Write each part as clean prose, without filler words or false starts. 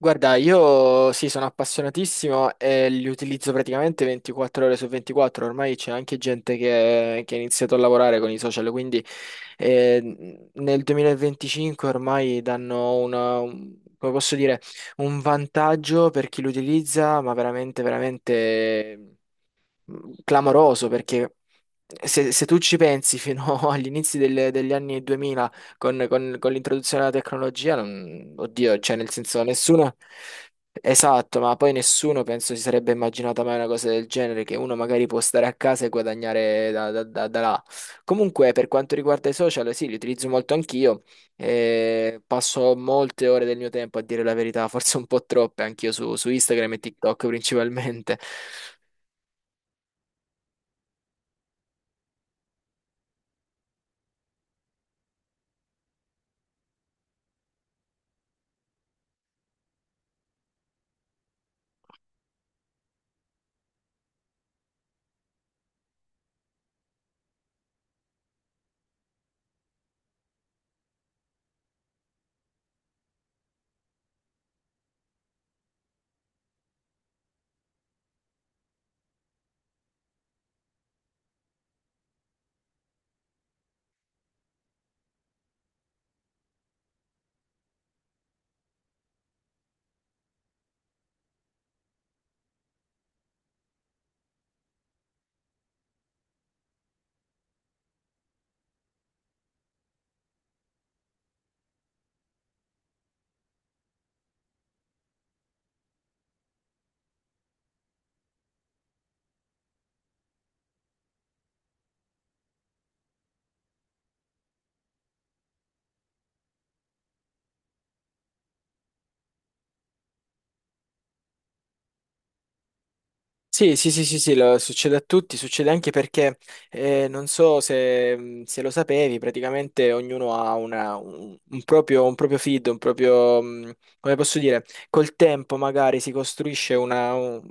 Guarda, io sì, sono appassionatissimo e li utilizzo praticamente 24 ore su 24. Ormai c'è anche gente che ha iniziato a lavorare con i social, quindi nel 2025 ormai danno come posso dire, un vantaggio per chi lo utilizza, ma veramente, veramente clamoroso perché se tu ci pensi fino agli inizi degli anni 2000 con, con l'introduzione della tecnologia, oddio, cioè nel senso nessuno, esatto, ma poi nessuno penso si sarebbe immaginata mai una cosa del genere, che uno magari può stare a casa e guadagnare da, da là. Comunque per quanto riguarda i social, sì, li utilizzo molto anch'io, passo molte ore del mio tempo a dire la verità, forse un po' troppe anch'io su, su Instagram e TikTok principalmente. Sì, sì, sì, sì, sì, succede a tutti, succede anche perché non so se lo sapevi, praticamente ognuno ha un proprio, un proprio feed, un proprio, come posso dire, col tempo magari si costruisce una, un-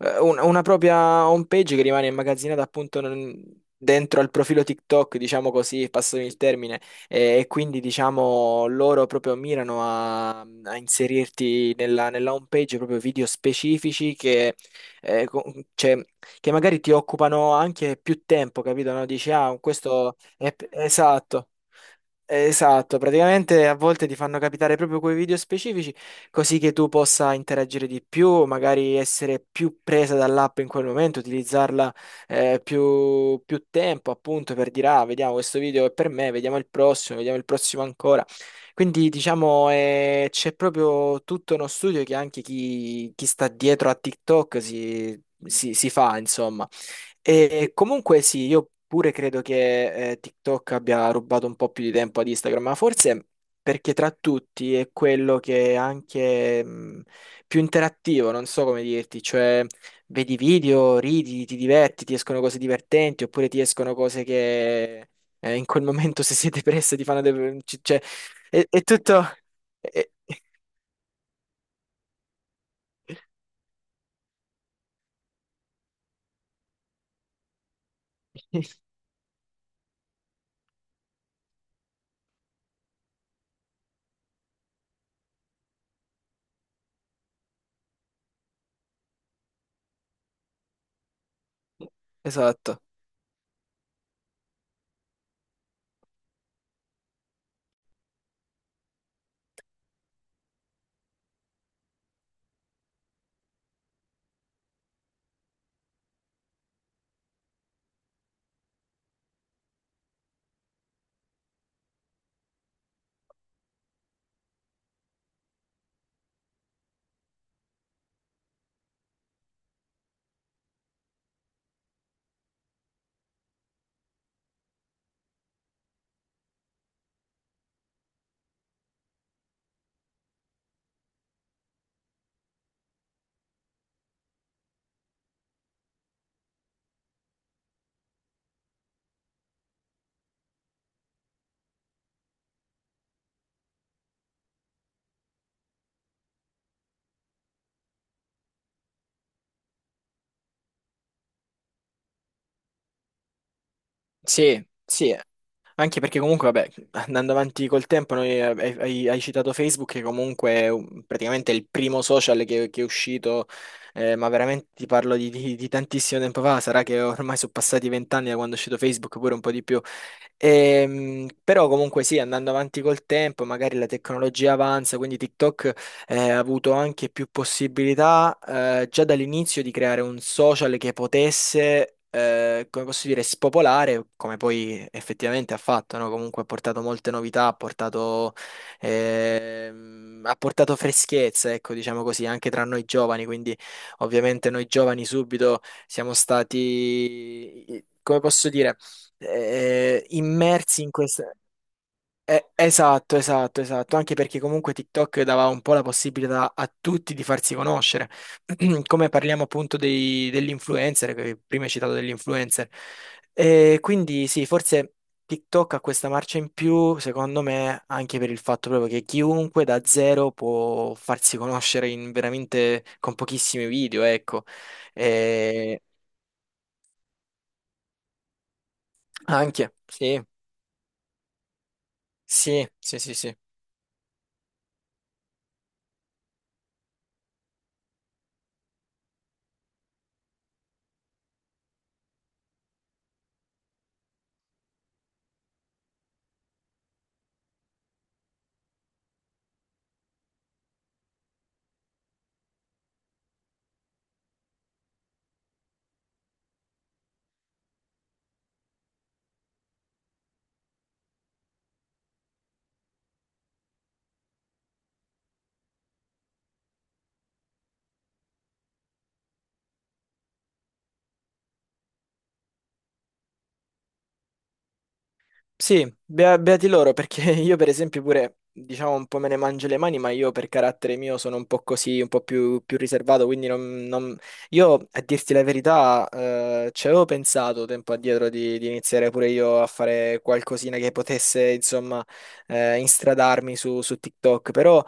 eh, un- una propria home page che rimane immagazzinata appunto dentro al profilo TikTok, diciamo così, passami il termine, e quindi diciamo loro proprio mirano a inserirti nella, nella home page proprio video specifici che eh, co- cioè, che magari ti occupano anche più tempo, capito? No? Dici, ah, questo è esatto. Esatto, praticamente a volte ti fanno capitare proprio quei video specifici così che tu possa interagire di più, magari essere più presa dall'app in quel momento, utilizzarla più, più tempo appunto per dire ah, vediamo questo video è per me, vediamo il prossimo ancora. Quindi diciamo c'è proprio tutto uno studio che anche chi sta dietro a TikTok si fa, insomma. E comunque sì, io pure credo che TikTok abbia rubato un po' più di tempo ad Instagram, ma forse perché tra tutti è quello che è anche più interattivo, non so come dirti, cioè vedi video, ridi, ti diverti, ti escono cose divertenti, oppure ti escono cose che in quel momento se sei depresso ti fanno cioè, è, è tutto... è- Esatto. Sì, sì. Anche perché comunque, vabbè, andando avanti col tempo, hai citato Facebook, che comunque è praticamente è il primo social che è uscito, ma veramente ti parlo di, di tantissimo tempo fa, sarà che ormai sono passati vent'anni da quando è uscito Facebook, pure un po' di più. Però comunque sì, andando avanti col tempo, magari la tecnologia avanza, quindi TikTok avuto anche più possibilità già dall'inizio di creare un social che potesse, come posso dire, spopolare, come poi effettivamente ha fatto, no? Comunque ha portato molte novità, ha portato freschezza, ecco, diciamo così, anche tra noi giovani, quindi ovviamente noi giovani subito siamo stati, come posso dire, immersi in questo. Esatto, esatto, esatto, anche perché comunque TikTok dava un po' la possibilità a tutti di farsi conoscere, come parliamo appunto degli influencer, che prima hai citato degli influencer, e quindi sì, forse TikTok ha questa marcia in più, secondo me, anche per il fatto proprio che chiunque da zero può farsi conoscere in veramente con pochissimi video, ecco. E anche, sì, sì, sì, sì, sì. Sì, beati loro, perché io per esempio pure, diciamo, un po' me ne mangio le mani, ma io per carattere mio sono un po' così, un po' più, più riservato, quindi non. Io, a dirti la verità, ci avevo pensato tempo addietro di iniziare pure io a fare qualcosina che potesse, insomma, instradarmi su, su TikTok, però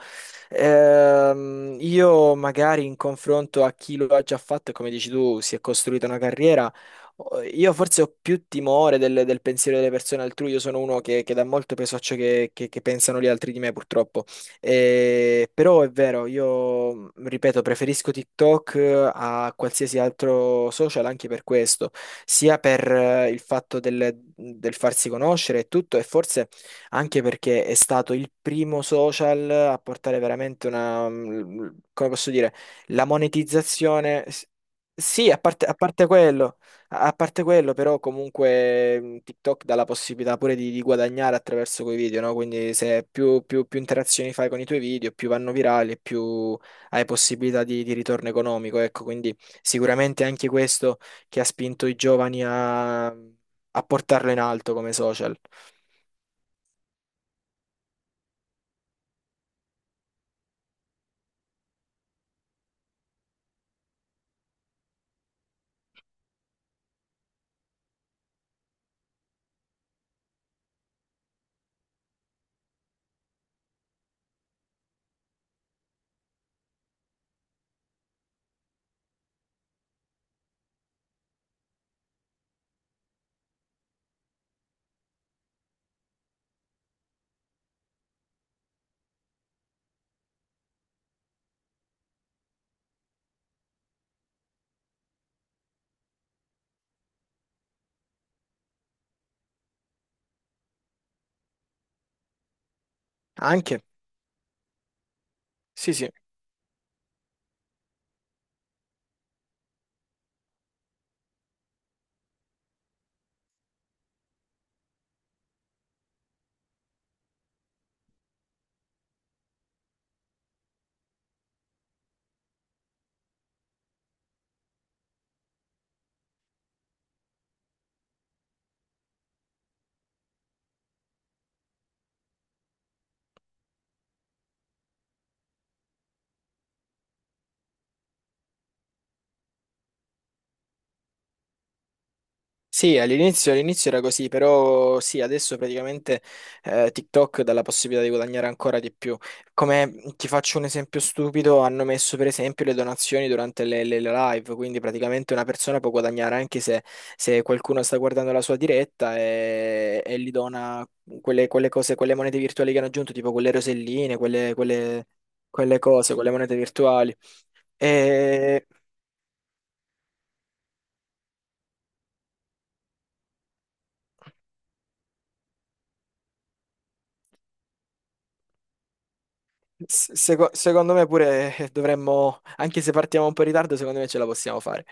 io magari in confronto a chi lo ha già fatto, e come dici tu, si è costruita una carriera, io forse ho più timore del pensiero delle persone altrui, io sono uno che- dà molto peso a ciò che pensano gli altri di me, purtroppo. Però è vero, io ripeto, preferisco TikTok a qualsiasi altro social anche per questo, sia per il fatto del farsi conoscere e tutto, e forse anche perché è stato il primo social a portare veramente una, come posso dire, la monetizzazione. Sì, a parte quello. A parte quello, però, comunque TikTok dà la possibilità pure di guadagnare attraverso quei video, no? Quindi se più, più interazioni fai con i tuoi video, più vanno virali e più hai possibilità di ritorno economico, ecco. Quindi sicuramente anche questo che ha spinto i giovani a portarlo in alto come social. Anche, sì, sì. Sì, all'inizio era così, però sì, adesso praticamente TikTok dà la possibilità di guadagnare ancora di più. Come ti faccio un esempio stupido, hanno messo per esempio le donazioni durante le, le live, quindi praticamente una persona può guadagnare anche se qualcuno sta guardando la sua diretta e gli dona quelle, quelle cose, quelle monete virtuali che hanno aggiunto, tipo quelle roselline, quelle cose, quelle monete virtuali. E secondo me pure dovremmo, anche se partiamo un po' in ritardo, secondo me ce la possiamo fare.